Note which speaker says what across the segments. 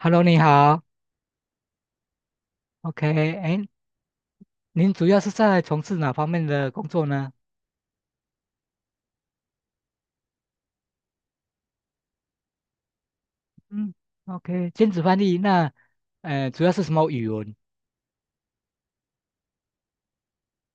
Speaker 1: Hello，你好，OK，哎，您主要是在从事哪方面的工作呢？嗯，OK，兼职翻译，那，主要是什么语文？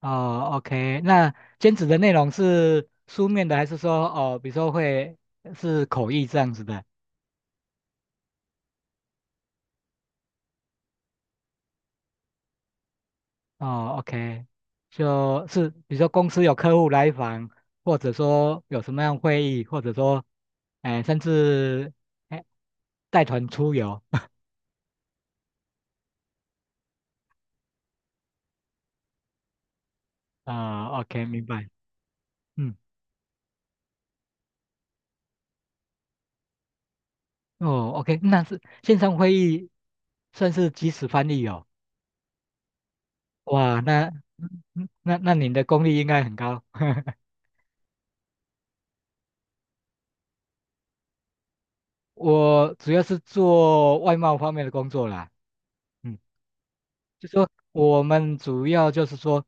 Speaker 1: 哦，OK，那兼职的内容是书面的，还是说，哦，比如说会是口译这样子的？哦，OK，就是比如说公司有客户来访，或者说有什么样会议，或者说，哎、甚至哎带团出游。啊、OK 明白。嗯。哦，OK，那是线上会议算是即时翻译哦。哇，那那你的功力应该很高。我主要是做外贸方面的工作啦，嗯，就说我们主要就是说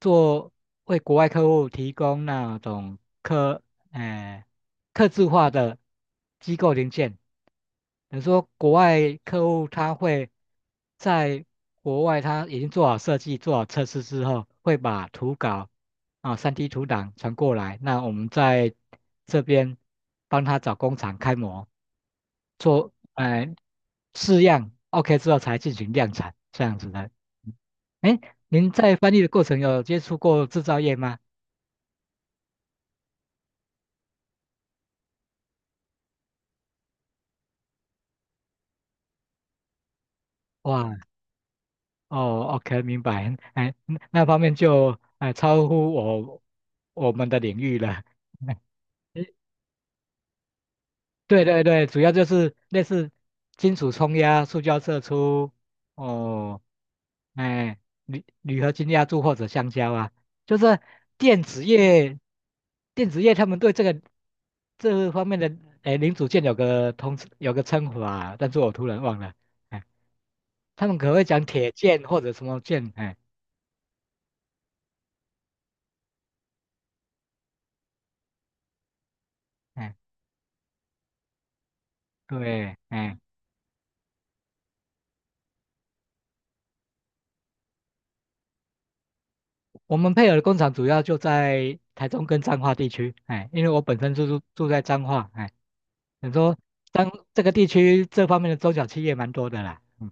Speaker 1: 做为国外客户提供那种呃，客制化的机构零件，比如说国外客户他会在国外他已经做好设计、做好测试之后，会把图稿啊、3D 图档传过来，那我们在这边帮他找工厂开模，做哎，试样，OK 之后才进行量产这样子的。哎，您在翻译的过程有接触过制造业吗？哇，哦，OK，明白。哎，那那方面就哎超乎我们的领域了。对对对，主要就是类似金属冲压、塑胶射出，哦，哎，铝合金压铸或者橡胶啊，就是电子业，电子业他们对这个这方面的哎零组件有个称呼啊，但是我突然忘了，哎，他们可会讲铁件或者什么件，哎哎，对，哎，我们配合的工厂主要就在台中跟彰化地区，哎，因为我本身就是住在彰化，哎。你说当这个地区这方面的中小企业蛮多的啦，嗯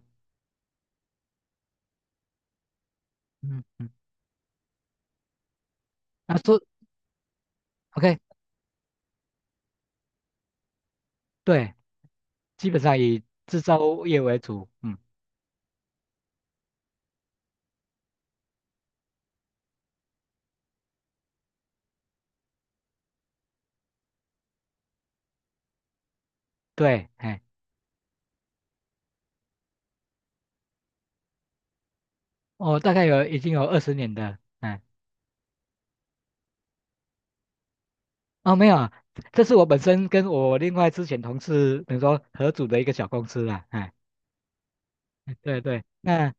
Speaker 1: 嗯嗯，那说 OK，对，基本上以制造业为主，嗯，对，哎，我大概有已经有二十年的，哎，哦，没有啊，这是我本身跟我另外之前同事，等于说合组的一个小公司啦，哎，对对，那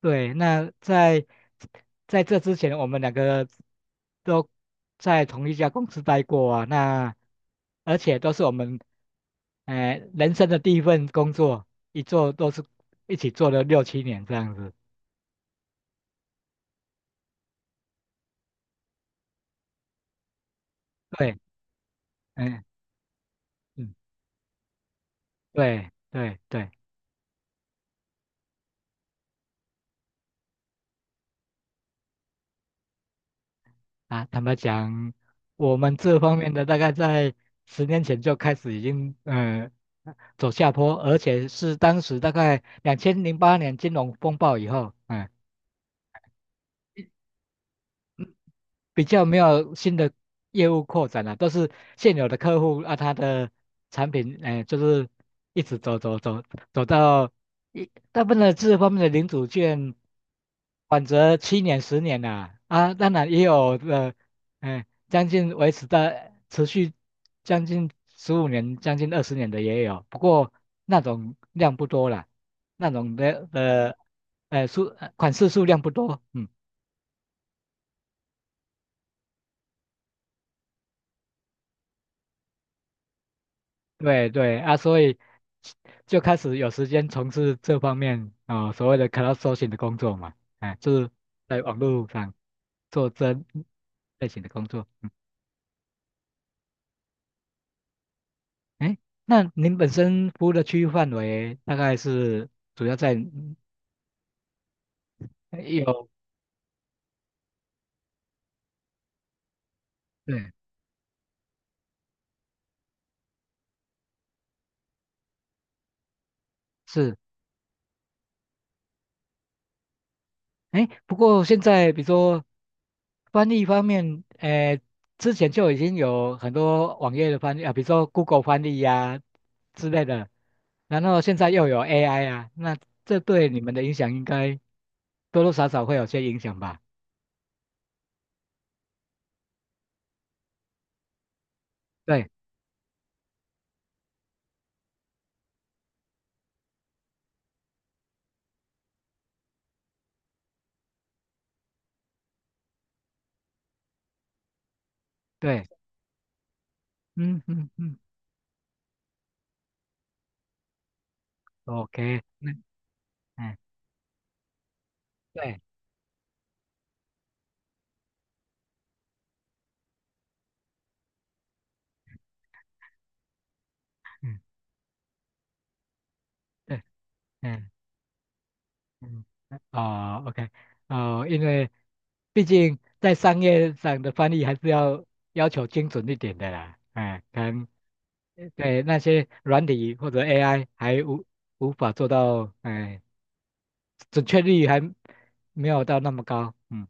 Speaker 1: 对，那在这之前，我们两个都在同一家公司待过啊。那而且都是我们，哎、人生的第一份工作，一做都是一起做了6、7年这样子。对，嗯嗯，对对对啊。坦白讲，我们这方面的大概在10年前就开始已经走下坡，而且是当时大概2008年金融风暴以后，嗯。比较没有新的业务扩展了、都是现有的客户啊，他的产品，哎，就是一直走走走走到一大部分的这方面的领主券，缓则七年十年啦、啊，啊当然也有哎，将近维持的持续将近15年、将近二十年的也有，不过那种量不多啦，那种的款式数量不多，嗯。对对啊，所以就开始有时间从事这方面啊、所谓的 crowdsourcing 的工作嘛，哎，就是在网络上做这类型的工作。嗯，哎，那您本身服务的区域范围大概是主要在有对是哎，不过现在比如说翻译方面，之前就已经有很多网页的翻译啊，比如说 Google 翻译呀、之类的，然后现在又有 AI 啊，那这对你们的影响应该多多少少会有些影响吧？对对，嗯嗯嗯，OK，那嗯对嗯对嗯嗯哦 OK 哦，因为毕竟在商业上的翻译还是要求精准一点的啦，哎，可能对那些软体或者 AI 还无法做到，哎，准确率还没有到那么高。嗯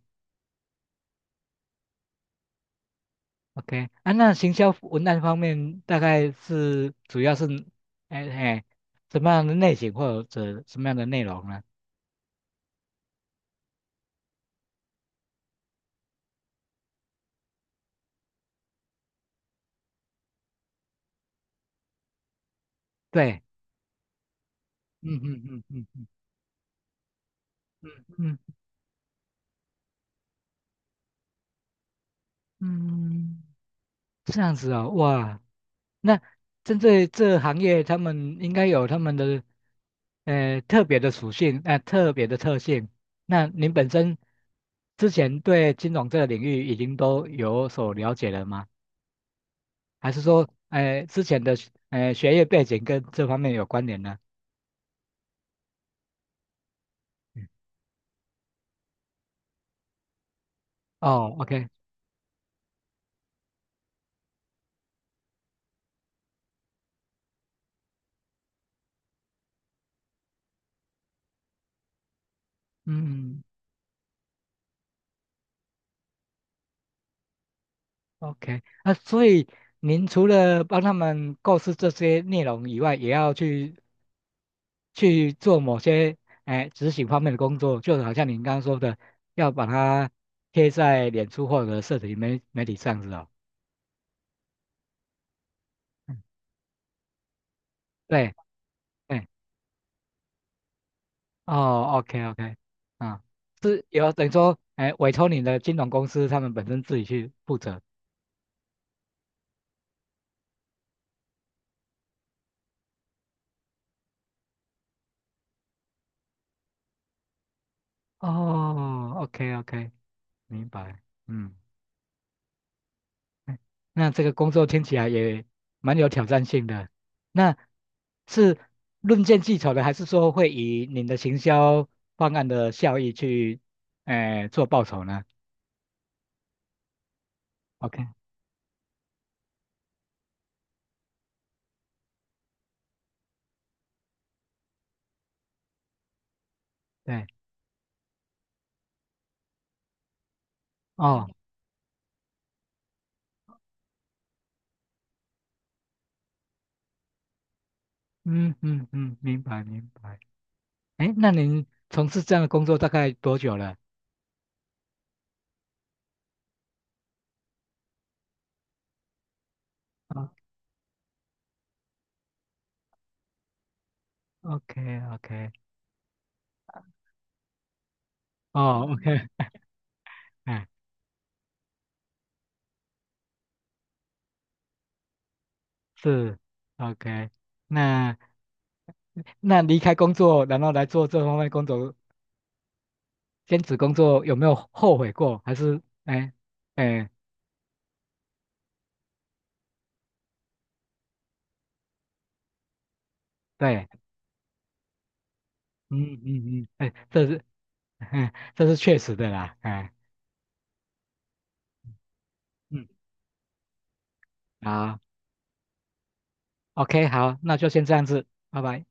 Speaker 1: ，OK 啊，那行销文案方面大概是主要是，哎哎，什么样的类型或者什么样的内容呢？对，嗯嗯嗯嗯嗯嗯嗯。这样子哦，哇，那针对这行业，他们应该有他们的特别的属性，特别的特性。那您本身之前对金融这个领域已经都有所了解了吗？还是说，之前的学业背景跟这方面有关联呢？嗯哦，OK，嗯，OK，那所以您除了帮他们构思这些内容以外，也要去做某些哎执行方面的工作，就好像您刚刚说的，要把它贴在脸书或者社群媒体上是哦。嗯对对，哦，OK OK，啊，是有等于说，哎，委托你的金融公司，他们本身自己去负责。哦，OK OK，明白，嗯。嗯那这个工作听起来也蛮有挑战性的。那是论件计酬的，还是说会以您的行销方案的效益去，做报酬呢？OK，对，哦，嗯嗯嗯，明白明白。哎，那您从事这样的工作大概多久了？啊，OK OK，哦，OK，哎，是，OK。那那离开工作，然后来做这方面工作，兼职工作有没有后悔过？还是哎哎对，嗯嗯嗯，哎，这是 这是确实的啦，哎嗯，好，OK，好，那就先这样子，拜拜。